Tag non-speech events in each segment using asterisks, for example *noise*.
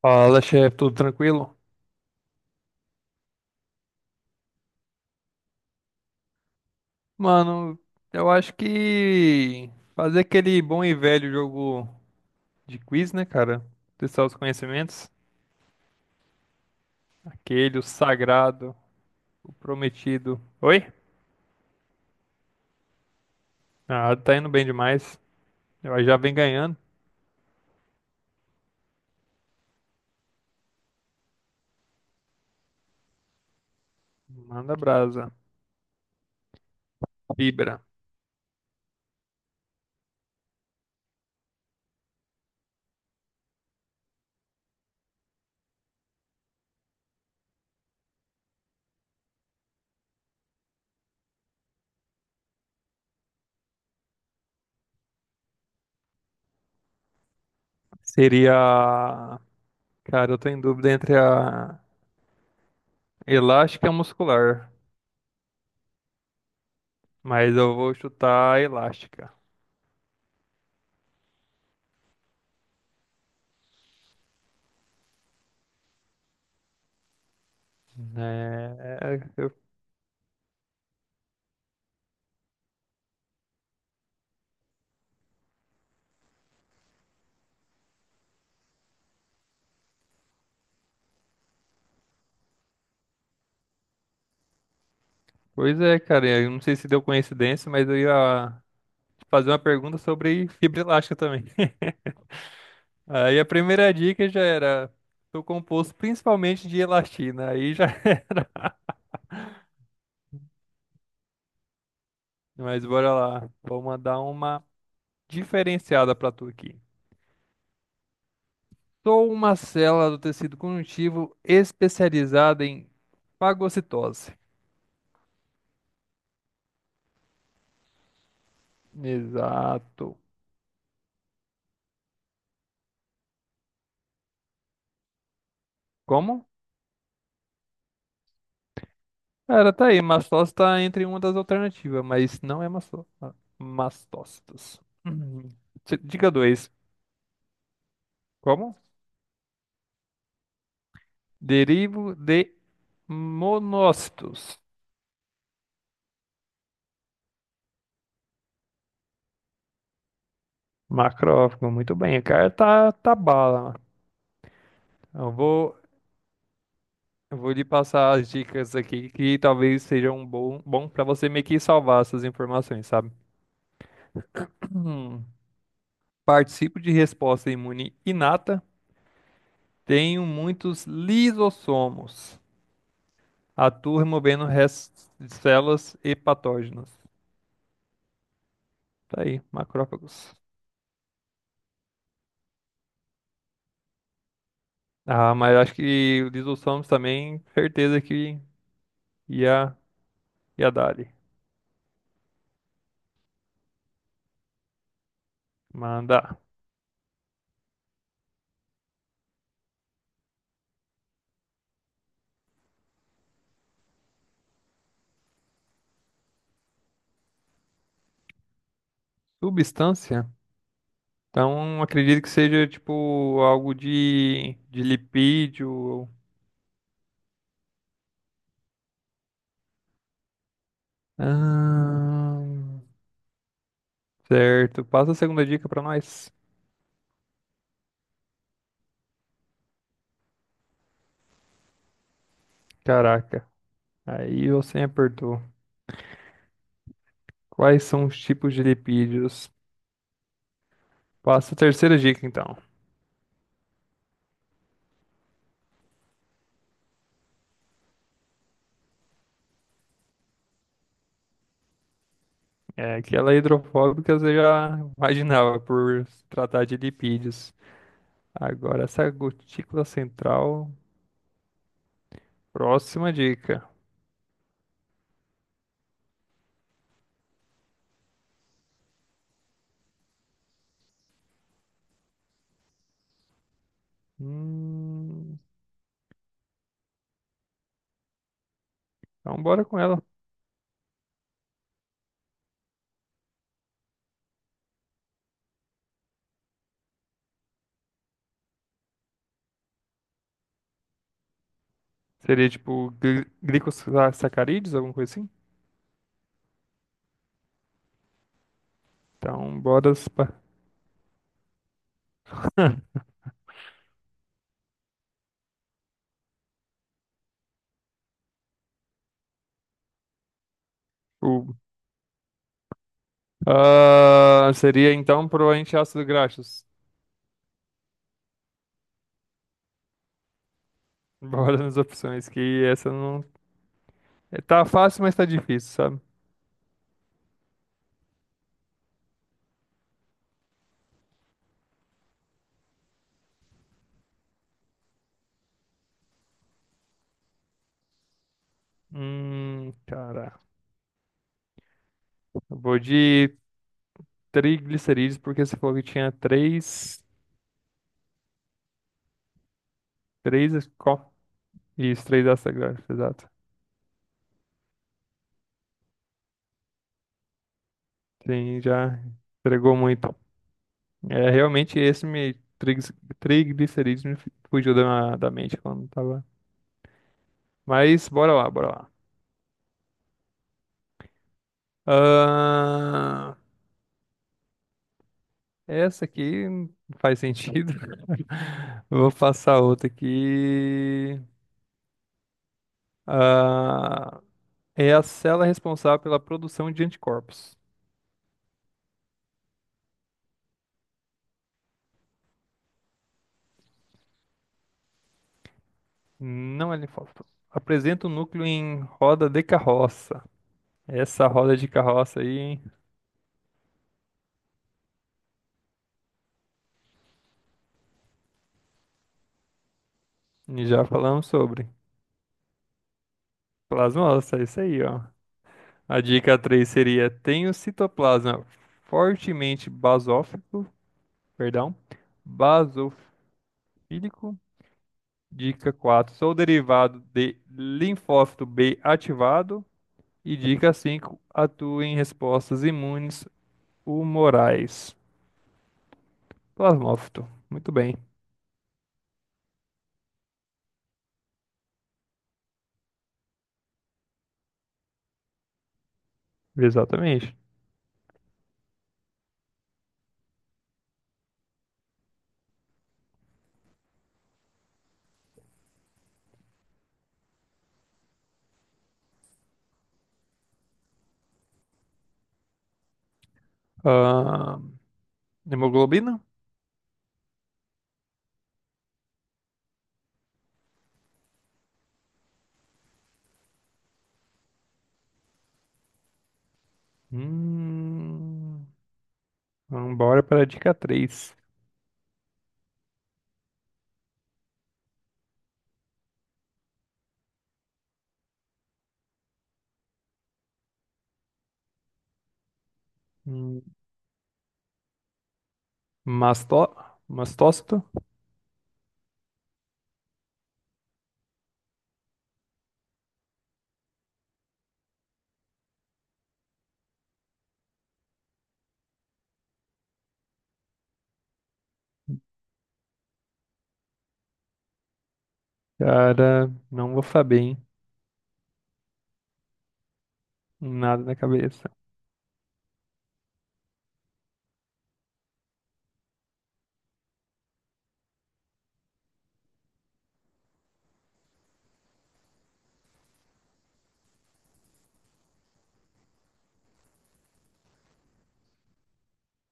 Fala, chefe, tudo tranquilo? Mano, eu acho que fazer aquele bom e velho jogo de quiz, né, cara? Testar os conhecimentos. Aquele, o sagrado, o prometido. Oi? Ah, tá indo bem demais. Eu já vem ganhando. Manda brasa. Vibra. Seria. Cara, eu tô em dúvida entre a elástica e a muscular. Mas eu vou chutar a elástica. É, eu- Pois é, cara. Eu não sei se deu coincidência, mas eu ia. Fazer uma pergunta sobre fibra elástica também. *laughs* Aí a primeira dica já era, sou composto principalmente de elastina. Aí já, *laughs* mas bora lá, vou mandar uma diferenciada pra tu aqui. Sou uma célula do tecido conjuntivo especializada em fagocitose. Exato. Como? Cara, tá aí, mastose tá entre uma das alternativas, mas não é mastócitos. Uhum. Dica 2. Como? Derivo de monócitos. Macrófago, muito bem. O cara tá bala. Eu vou, eu vou lhe passar as dicas aqui que talvez sejam um bom para você meio que salvar essas informações, sabe? *clears throat* Hum. Participo de resposta imune inata. Tenho muitos lisossomos. Atuo removendo restos de células e patógenos. Tá aí, macrófagos. Ah, mas acho que o lisossomos também, certeza que ia, ia dar ali. Manda. Substância? Então, acredito que seja tipo algo de lipídio. Ahn, certo. Passa a segunda dica pra nós. Caraca, aí você me apertou. Quais são os tipos de lipídios? Passa a terceira dica, então. É que ela é hidrofóbica, você já *laughs* imaginava por se tratar de lipídios. Agora, essa gotícula central. Próxima dica. Hum, então, bora com ela. Seria tipo glicosacarídeos, alguma coisa assim? Então, bora. *laughs* O- Ah, seria então provavelmente ácido graxos. Bora nas opções, que essa não. É, tá fácil, mas tá difícil, sabe? Cara. Eu vou de triglicerídeos, porque você falou que tinha três. Três. Isso, três ácidos graxos, exato. Sim, já entregou muito. É, realmente esse me. Triglicerídeos me fugiu da mente quando tava. Mas bora lá, bora lá. Ahn, essa aqui não faz sentido. *laughs* Vou passar outra aqui. Ah, é a célula responsável pela produção de anticorpos. Não é linfócito. Apresenta o núcleo em roda de carroça. Essa roda de carroça aí, hein? Já falamos sobre. Plasmócito, é isso aí, ó. A dica 3 seria: tem o citoplasma fortemente basófico, perdão, basofílico. Fílico. Dica 4: sou derivado de linfócito B ativado. E dica 5: atuo em respostas imunes humorais. Plasmófito. Muito bem. Exatamente. Ah, hemoglobina? Hum, vamos bora para a dica 3. Hum, masto- mastócito? Cara, não vou saber, hein? Nada na cabeça.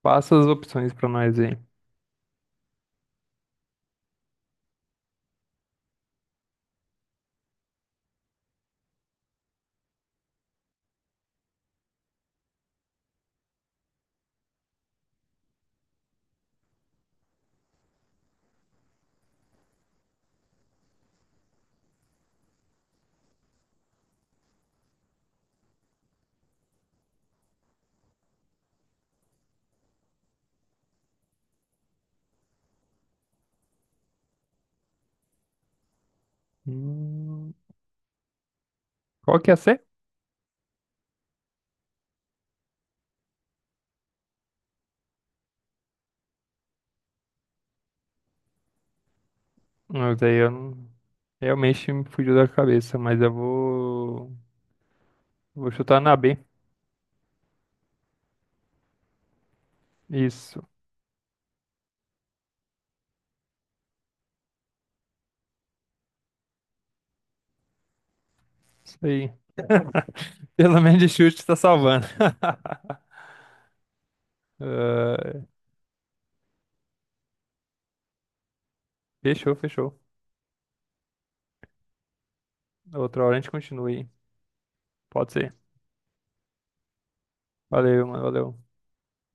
Passa as opções para nós, hein. Hum, qual que é a C? Mas aí eu não... Realmente me fugiu da cabeça, mas eu vou... Vou chutar na B. Isso. Isso aí. *laughs* Pelo menos de chute tá salvando. *laughs* Ah, fechou, fechou. Outra hora a gente continua aí. Pode ser. Valeu, mano. Valeu.